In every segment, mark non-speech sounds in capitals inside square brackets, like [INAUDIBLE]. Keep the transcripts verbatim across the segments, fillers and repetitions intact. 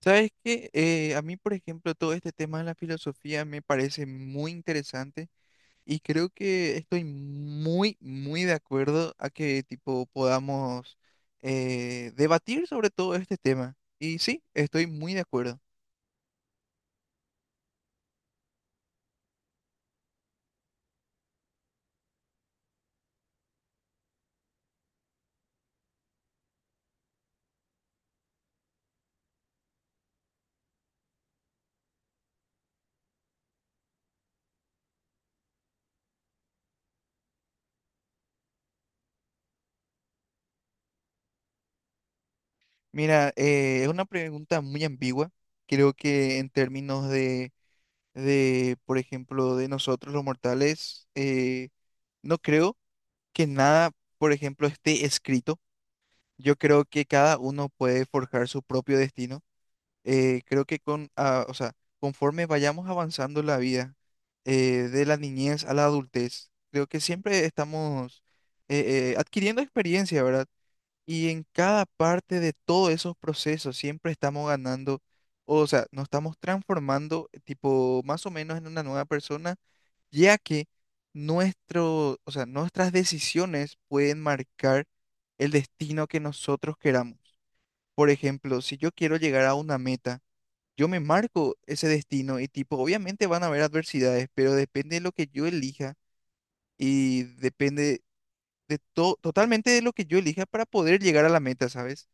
¿Sabes qué? Eh, a mí, por ejemplo, todo este tema de la filosofía me parece muy interesante y creo que estoy muy, muy de acuerdo a que tipo podamos eh, debatir sobre todo este tema. Y sí, estoy muy de acuerdo. Mira, eh, es una pregunta muy ambigua. Creo que en términos de, de, por ejemplo, de nosotros los mortales, eh, no creo que nada, por ejemplo, esté escrito. Yo creo que cada uno puede forjar su propio destino. Eh, creo que con, ah, o sea, conforme vayamos avanzando en la vida, eh, de la niñez a la adultez, creo que siempre estamos eh, eh, adquiriendo experiencia, ¿verdad? Y en cada parte de todos esos procesos siempre estamos ganando, o sea, nos estamos transformando, tipo, más o menos en una nueva persona ya que nuestro, o sea, nuestras decisiones pueden marcar el destino que nosotros queramos. Por ejemplo, si yo quiero llegar a una meta, yo me marco ese destino y tipo, obviamente van a haber adversidades, pero depende de lo que yo elija y depende de todo, totalmente de lo que yo elija para poder llegar a la meta, ¿sabes?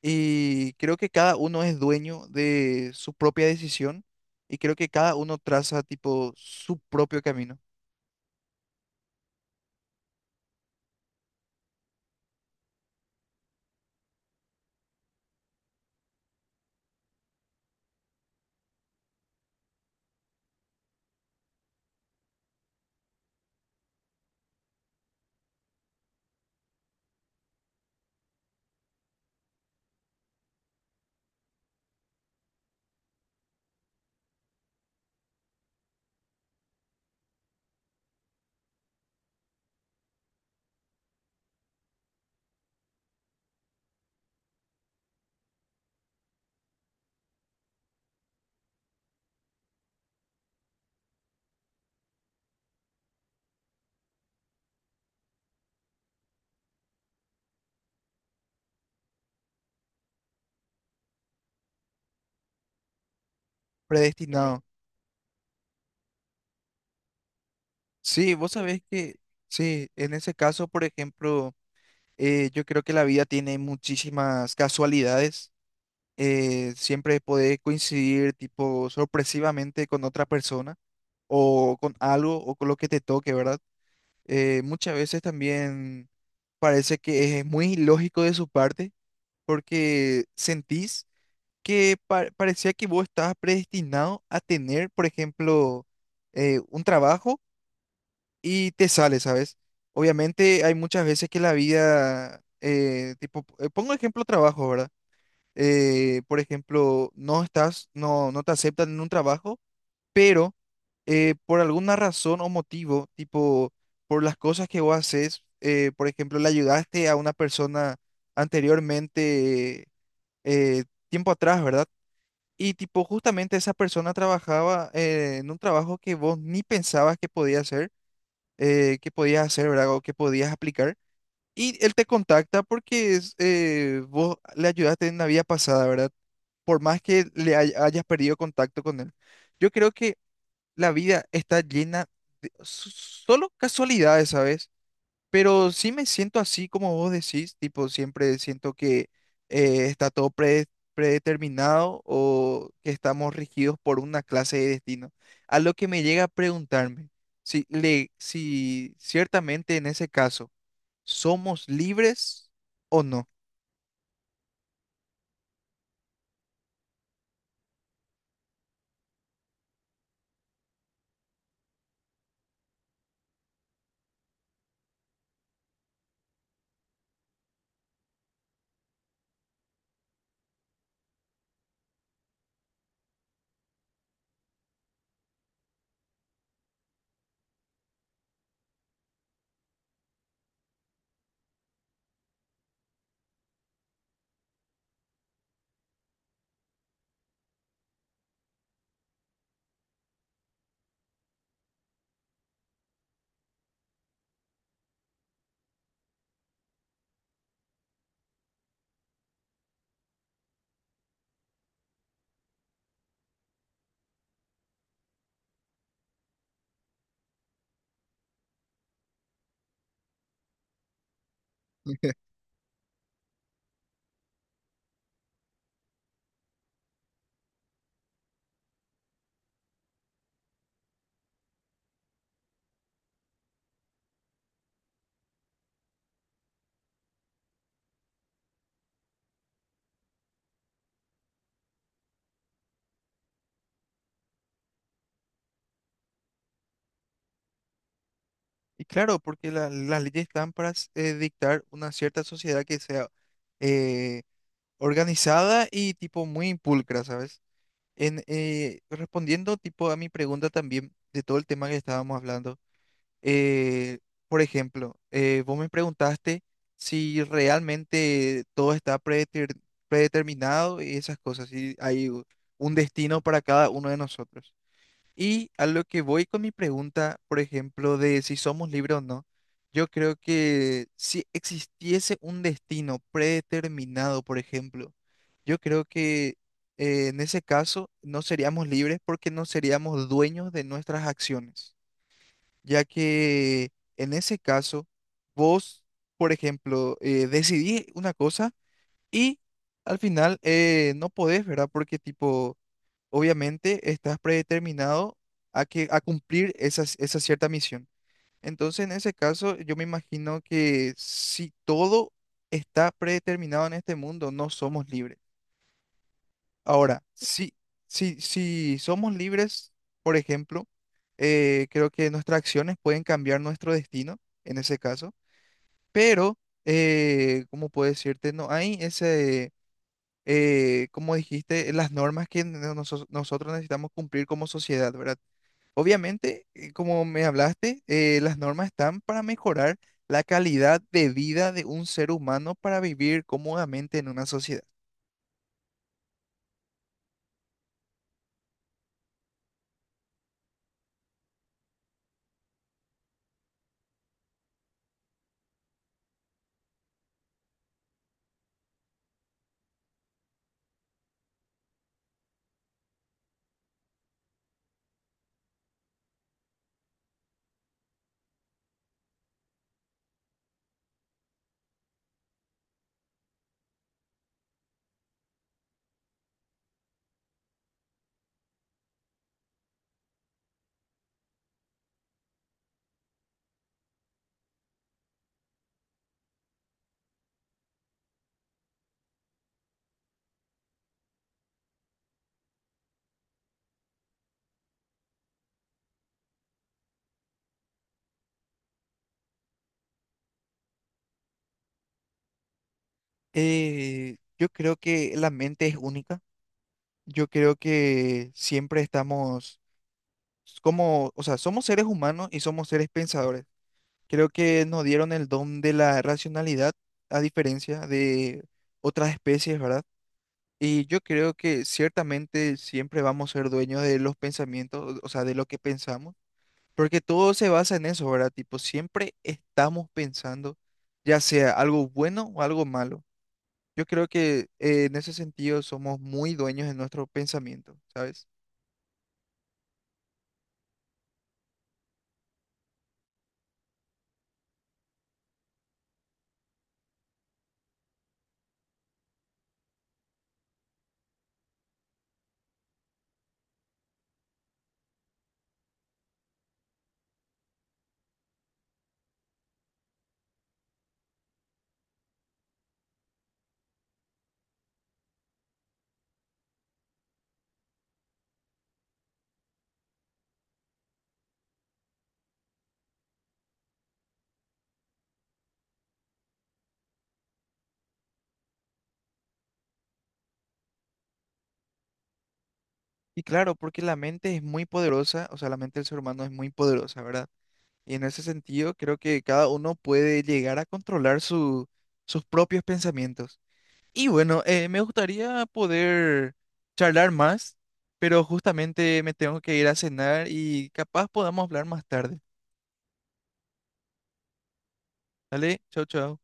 Y creo que cada uno es dueño de su propia decisión y creo que cada uno traza tipo su propio camino. Mm, predestinado. Sí, vos sabés que, sí, en ese caso, por ejemplo, eh, yo creo que la vida tiene muchísimas casualidades. Eh, siempre podés coincidir, tipo, sorpresivamente con otra persona o con algo o con lo que te toque, ¿verdad? Eh, muchas veces también parece que es muy ilógico de su parte porque sentís que pa- parecía que vos estabas predestinado a tener, por ejemplo, eh, un trabajo. Y te sale, ¿sabes? Obviamente hay muchas veces que la vida, eh, tipo, eh, pongo ejemplo trabajo, ¿verdad? Eh, por ejemplo, no estás, no, no te aceptan en un trabajo, pero eh, por alguna razón o motivo, tipo, por las cosas que vos haces, eh, por ejemplo, le ayudaste a una persona anteriormente, eh, tiempo atrás, ¿verdad? Y tipo, justamente esa persona trabajaba eh, en un trabajo que vos ni pensabas que podía hacer eh, qué podías hacer, ¿verdad? O qué podías aplicar. Y él te contacta porque es, eh, vos le ayudaste en la vida pasada, ¿verdad? Por más que le hay- hayas perdido contacto con él. Yo creo que la vida está llena de so- solo casualidades, ¿sabes? Pero sí me siento así como vos decís, tipo, siempre siento que eh, está todo pre- predeterminado o que estamos regidos por una clase de destino. A lo que me llega a preguntarme si, le, si ciertamente en ese caso somos libres o no. [LAUGHS] Y claro, porque la- las leyes están para s- eh, dictar una cierta sociedad que sea eh, organizada y tipo muy impulcra, ¿sabes? En, eh, respondiendo tipo a mi pregunta también de todo el tema que estábamos hablando, eh, por ejemplo, eh, vos me preguntaste si realmente todo está predeter- predeterminado y esas cosas, si hay u- un destino para cada uno de nosotros. Y a lo que voy con mi pregunta, por ejemplo, de si somos libres o no, yo creo que si existiese un destino predeterminado, por ejemplo, yo creo que eh, en ese caso no seríamos libres porque no seríamos dueños de nuestras acciones, ya que en ese caso vos, por ejemplo, eh, decidís una cosa y al final eh, no podés, ¿verdad? Porque tipo obviamente estás predeterminado a que a cumplir esas- esa cierta misión. Entonces, en ese caso, yo me imagino que si todo está predeterminado en este mundo, no somos libres. Ahora, si, si, si somos libres, por ejemplo, eh, creo que nuestras acciones pueden cambiar nuestro destino, en ese caso, pero, eh, ¿cómo puedo decirte? No hay ese... eh, como dijiste, las normas que no- nosos- nosotros necesitamos cumplir como sociedad, ¿verdad? Obviamente, eh, como me hablaste, eh, las normas están para mejorar la calidad de vida de un ser humano para vivir cómodamente en una sociedad. Eh, yo creo que la mente es única. Yo creo que siempre estamos como, o sea, somos seres humanos y somos seres pensadores. Creo que nos dieron el don de la racionalidad, a diferencia de otras especies, ¿verdad? Y yo creo que ciertamente siempre vamos a ser dueños de los pensamientos, o sea, de lo que pensamos. Porque todo se basa en eso, ¿verdad? Tipo, siempre estamos pensando, ya sea algo bueno o algo malo. Yo creo que eh, en ese sentido somos muy dueños de nuestro pensamiento, ¿sabes? Y claro, porque la mente es muy poderosa, o sea, la mente del ser humano es muy poderosa, ¿verdad? Y en ese sentido creo que cada uno puede llegar a controlar su- sus propios pensamientos. Y bueno, eh, me gustaría poder charlar más, pero justamente me tengo que ir a cenar y capaz podamos hablar más tarde. Dale, chao, chao.